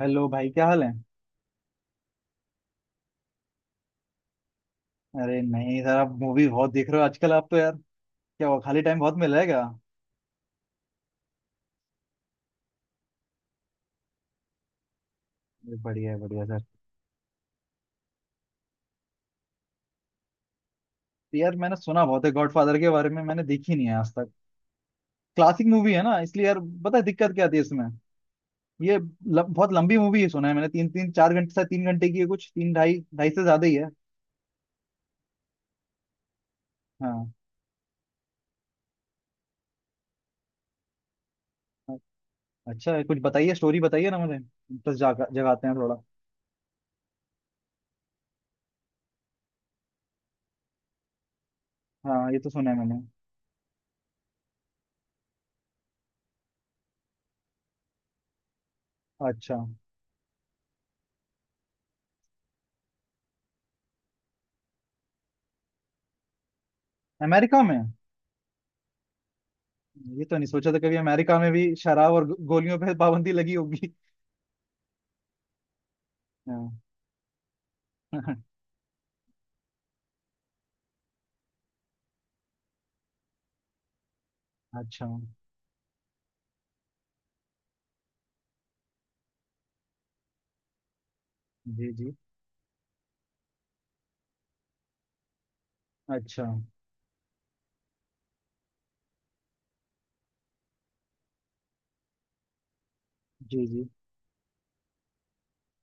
Hello भाई, क्या हाल है? अरे नहीं सर, आप मूवी बहुत देख रहे हो आजकल। आप तो यार, क्या हुआ? खाली टाइम बहुत मिल रहा है क्या? बढ़िया है, बढ़िया सर। तो यार मैंने सुना बहुत है गॉडफादर के बारे में, मैंने देखी नहीं है आज तक। क्लासिक मूवी है ना, इसलिए यार। पता है दिक्कत क्या आती है इसमें? बहुत लंबी मूवी है, सुना है मैंने तीन तीन चार घंटे से, 3 घंटे की है कुछ, तीन, ढाई ढाई से ज्यादा ही है। हाँ। अ- अच्छा है, कुछ बताइए, स्टोरी बताइए ना, मुझे इंटरेस्ट जागा, जगाते हैं थोड़ा। हाँ, ये तो सुना है मैंने। अच्छा। अमेरिका में? ये तो नहीं सोचा था कभी अमेरिका में भी शराब और गोलियों पे पाबंदी लगी होगी। हाँ। अच्छा। जी जी। अच्छा। जी जी।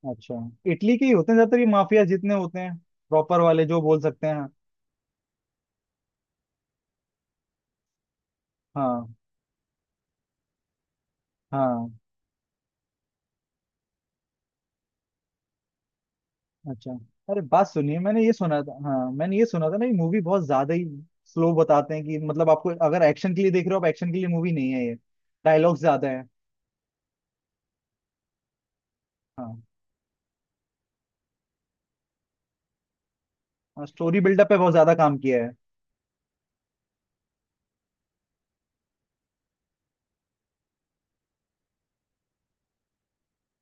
अच्छा। इटली के ही होते हैं ज्यादातर ये माफिया जितने होते हैं। प्रॉपर वाले, जो बोल सकते हैं। हाँ। हाँ। अच्छा। अरे बात सुनिए, मैंने ये सुना था, हाँ मैंने ये सुना था ना, ये मूवी बहुत ज्यादा ही स्लो बताते हैं। कि मतलब आपको अगर एक्शन के लिए देख रहे हो आप, एक्शन के लिए मूवी नहीं है ये। डायलॉग्स ज्यादा है। हाँ। और स्टोरी बिल्डअप पे बहुत ज्यादा काम किया है।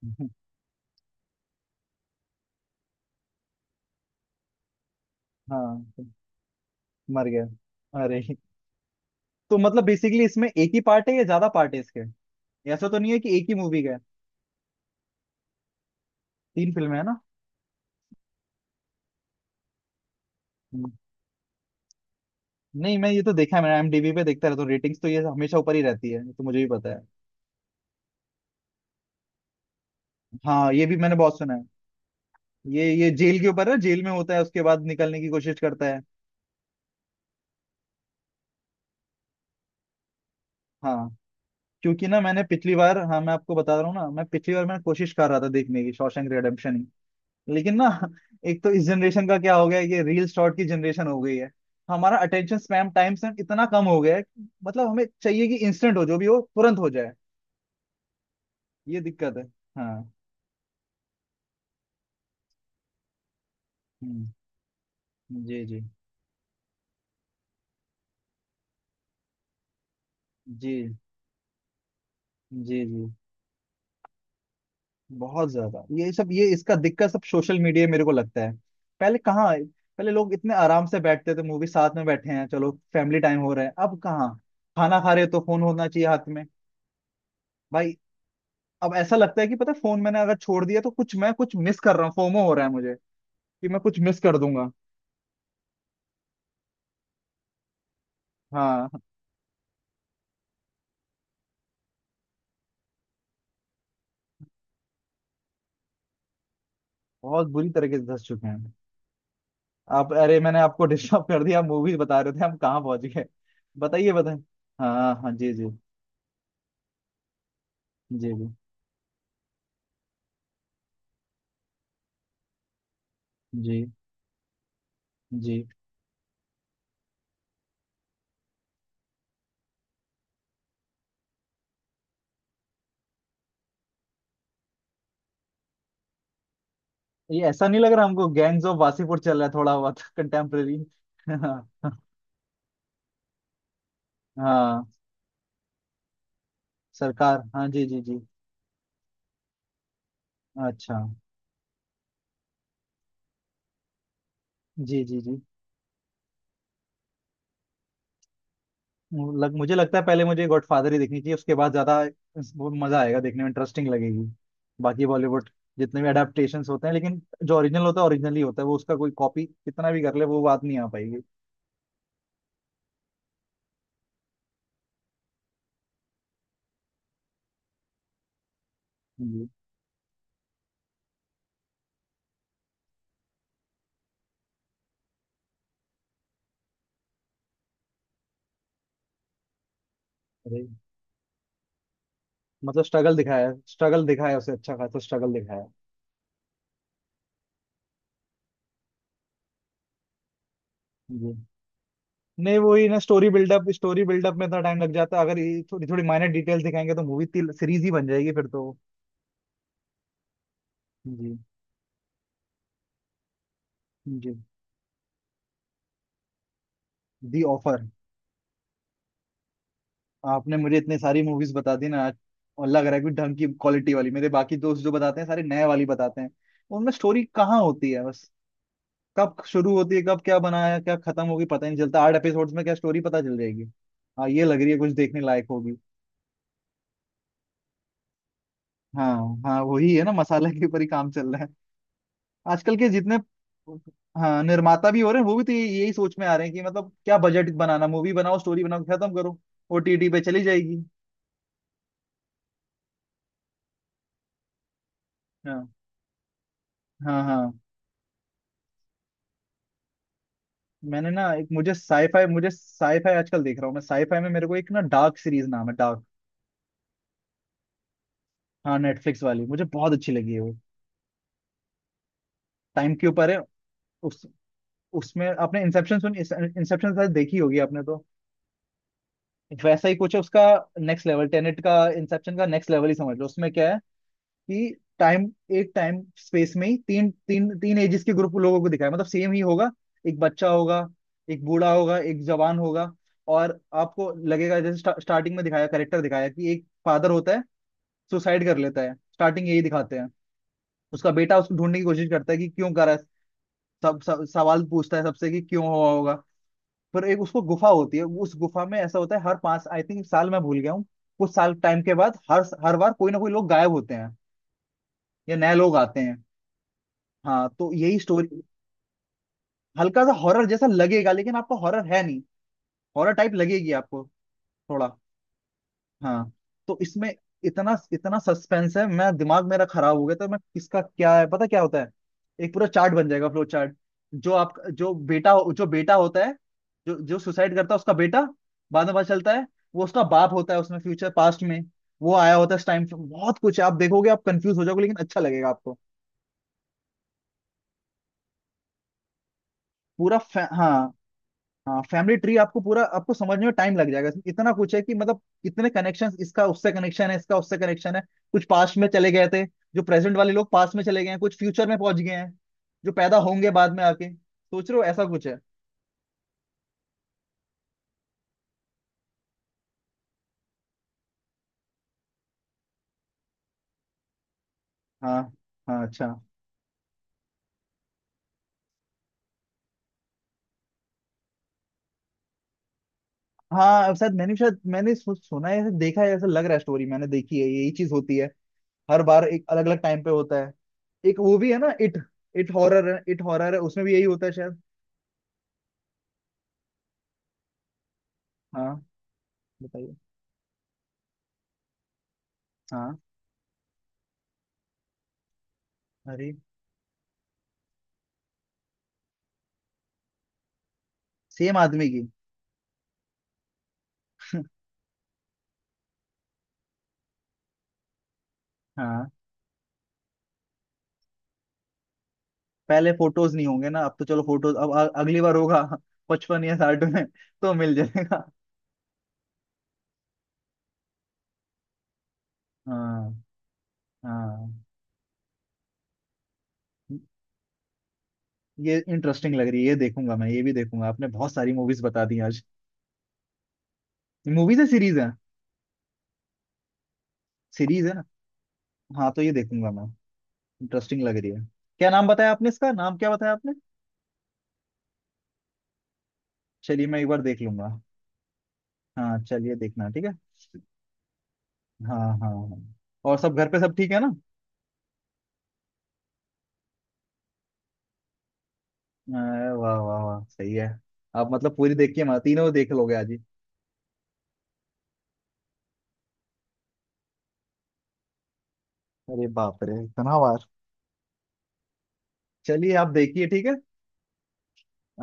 हाँ तो। मर गया? अरे। तो मतलब बेसिकली इसमें एक ही पार्ट है या ज्यादा पार्ट है इसके? ऐसा तो नहीं है कि एक ही मूवी। तीन फिल्में है ना? हम्म। नहीं, मैं ये तो देखा है, मैंने IMDb पे देखता रहता हूँ रेटिंग्स, तो ये हमेशा ऊपर ही रहती है, ये तो मुझे भी पता है। हाँ, ये भी मैंने बहुत सुना है। ये जेल के ऊपर है, जेल में होता है, उसके बाद निकलने की कोशिश करता है। हाँ। क्योंकि ना, मैंने पिछली बार, हाँ मैं आपको बता रहा हूँ ना, मैं पिछली बार मैं कोशिश कर रहा था देखने की शॉशैंक रिडेम्पशन ही। लेकिन ना, एक तो इस जनरेशन का क्या हो गया है, ये रील शॉर्ट की जनरेशन हो गई है। हमारा अटेंशन स्पैम, टाइम स्पैम इतना कम हो गया है कि मतलब हमें चाहिए कि इंस्टेंट हो, जो भी हो तुरंत हो जाए। ये दिक्कत है। हाँ। हम्म, जी जी। जी जी। जी। बहुत ज्यादा ये सब, ये इसका दिक्कत सब सोशल मीडिया, मेरे को लगता है। पहले कहाँ, पहले लोग इतने आराम से बैठते थे, मूवी साथ में बैठे हैं, चलो फैमिली टाइम हो रहा है। अब कहाँ? खाना खा रहे हो तो फोन होना चाहिए हाथ में। भाई। अब ऐसा लगता है कि पता है, फोन मैंने अगर छोड़ दिया तो कुछ, मैं कुछ मिस कर रहा हूँ, फोमो हो रहा है मुझे, कि मैं कुछ मिस कर दूंगा। हाँ। बहुत बुरी तरीके से धस चुके हैं। आप, अरे मैंने आपको डिस्टर्ब कर दिया, आप मूवी बता रहे थे, हम कहाँ पहुंच गए? बताइए बताइए। हाँ हाँ, जी जी। जी जी जी जी। ये ऐसा नहीं लग रहा हमको, गैंग्स ऑफ वासीपुर चल रहा है थोड़ा बहुत, कंटेम्प्रेरी? हाँ। हाँ। सरकार, हाँ जी जी जी। अच्छा। जी जी जी। मुझे लगता है पहले मुझे गॉडफादर ही देखनी चाहिए, उसके बाद ज्यादा वो मजा आएगा देखने में, इंटरेस्टिंग लगेगी। बाकी बॉलीवुड जितने भी अडेप्टेशंस होते हैं, लेकिन जो ओरिजिनल होता है, ओरिजिनल ही होता है वो, उसका कोई कॉपी कितना भी कर ले, वो बात नहीं आ पाएगी। जी। अरे, मतलब स्ट्रगल दिखाया है, स्ट्रगल दिखाया है उसे, अच्छा खासा स्ट्रगल दिखाया है। जी। नहीं वही ना, स्टोरी बिल्डअप, स्टोरी बिल्डअप में इतना टाइम लग जाता है। अगर ये थोड़ी थोड़ी माइनर डिटेल्स दिखाएंगे तो मूवी सीरीज ही बन जाएगी फिर तो। जी। जी। The offer. आपने मुझे इतनी सारी मूवीज बता दी ना आज, और लग रहा है कि ढंग की क्वालिटी वाली। मेरे बाकी दोस्त जो बताते हैं सारे नए वाली बताते हैं, उनमें स्टोरी कहाँ होती है? बस, कब शुरू होती है, कब क्या बनाया, क्या खत्म होगी पता ही नहीं चलता, 8 एपिसोड्स में क्या स्टोरी पता चल जाएगी। हाँ, ये लग रही है कुछ देखने लायक होगी। हाँ। हाँ वही है ना, मसाला के ऊपर ही काम चल रहा है आजकल के जितने। हाँ निर्माता भी हो रहे हैं, वो भी तो यही सोच में आ रहे हैं कि मतलब क्या बजट बनाना, मूवी बनाओ, स्टोरी बनाओ, खत्म करो, ओटीटी पे चली जाएगी। हाँ। हाँ हाँ। मैंने ना एक, मुझे साईफाई, मुझे साईफाई आजकल देख रहा हूँ मैं, साईफाई में मेरे को एक ना डार्क सीरीज, नाम है डार्क। हाँ नेटफ्लिक्स वाली, मुझे बहुत अच्छी लगी है वो। टाइम के ऊपर है। उस उसमें आपने इंसेप्शन, सुन इंसेप्शन शायद देखी होगी आपने तो। वैसा ही कुछ है उसका। नेक्स्ट लेवल, टेनेट का, इंसेप्शन का नेक्स्ट लेवल ही समझ लो, उसमें क्या है कि टाइम, एक टाइम स्पेस में ही तीन तीन तीन एजेस के ग्रुप, लोगों को दिखाया मतलब सेम ही होगा। एक बच्चा होगा, एक बूढ़ा होगा, एक जवान होगा। और आपको लगेगा जैसे स्टार्टिंग में दिखाया करेक्टर, दिखाया कि एक फादर होता है, सुसाइड कर लेता है, स्टार्टिंग यही दिखाते हैं। उसका बेटा उसको ढूंढने की कोशिश करता है कि क्यों कर रहा है। सब सवाल पूछता है सबसे कि क्यों हुआ होगा। पर एक उसको गुफा होती है, उस गुफा में ऐसा होता है, हर पांच आई थिंक साल, मैं भूल गया हूँ कुछ साल, टाइम के बाद हर हर बार कोई ना कोई लोग गायब होते हैं या नए लोग आते हैं। हाँ तो यही स्टोरी। हल्का सा हॉरर जैसा लगेगा लेकिन आपको हॉरर है नहीं, हॉरर टाइप लगेगी आपको थोड़ा। हाँ। तो इसमें इतना इतना सस्पेंस है, मैं दिमाग मेरा खराब हो गया, तो मैं किसका क्या है पता, क्या होता है, एक पूरा चार्ट बन जाएगा, फ्लो चार्ट। जो आप, जो बेटा, जो बेटा होता है, जो जो सुसाइड करता है उसका बेटा, बाद में पता चलता है वो उसका बाप होता है उसमें, फ्यूचर पास्ट में वो आया होता है इस टाइम पे। बहुत कुछ है, आप देखोगे आप कंफ्यूज हो जाओगे लेकिन अच्छा लगेगा आपको। हाँ। हाँ, फैमिली ट्री आपको पूरा, आपको समझने में टाइम लग जाएगा, इसमें इतना कुछ है कि मतलब कितने कनेक्शन, इसका उससे कनेक्शन है, इसका उससे कनेक्शन है। कुछ पास्ट में चले गए थे, जो प्रेजेंट वाले लोग पास्ट में चले गए हैं, कुछ फ्यूचर में पहुंच गए हैं, जो पैदा होंगे बाद में आके, सोच रहे हो ऐसा कुछ है। हाँ। हाँ, अच्छा। हाँ शायद मैंने, शायद मैंने सुना है ऐसा, देखा है ऐसा लग रहा है, स्टोरी मैंने देखी है यही चीज होती है। हर बार एक अलग अलग टाइम पे होता है। एक वो भी है ना, इट, इट हॉरर है, इट हॉरर है, उसमें भी यही होता है शायद। हाँ। बताइए। हाँ। अरे। सेम आदमी की। हाँ पहले फोटोज नहीं होंगे ना, अब तो चलो फोटोज, अब अगली बार होगा 55 या 60 में तो मिल जाएगा। हाँ। हाँ, ये इंटरेस्टिंग लग रही है, ये देखूंगा मैं, ये भी देखूंगा, आपने बहुत सारी मूवीज बता दी आज। मूवीज है सीरीज है? सीरीज है ना? हाँ तो ये देखूंगा मैं, इंटरेस्टिंग लग रही है। क्या नाम बताया आपने, इसका नाम क्या बताया आपने? चलिए मैं एक बार देख लूंगा। हाँ चलिए, देखना ठीक है। हाँ हाँ हाँ। और सब घर पे सब ठीक है ना? अरे वाह वाह वाह, सही है। आप मतलब पूरी देख के माती, तीनों देख लोगे आज ही? अरे बाप रे, इतना बार? चलिए आप देखिए, ठीक है।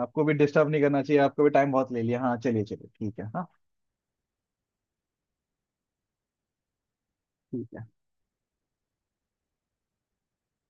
आपको भी डिस्टर्ब नहीं करना चाहिए, आपको भी टाइम बहुत ले लिया। हाँ चलिए चलिए, ठीक है। हाँ, ठीक है।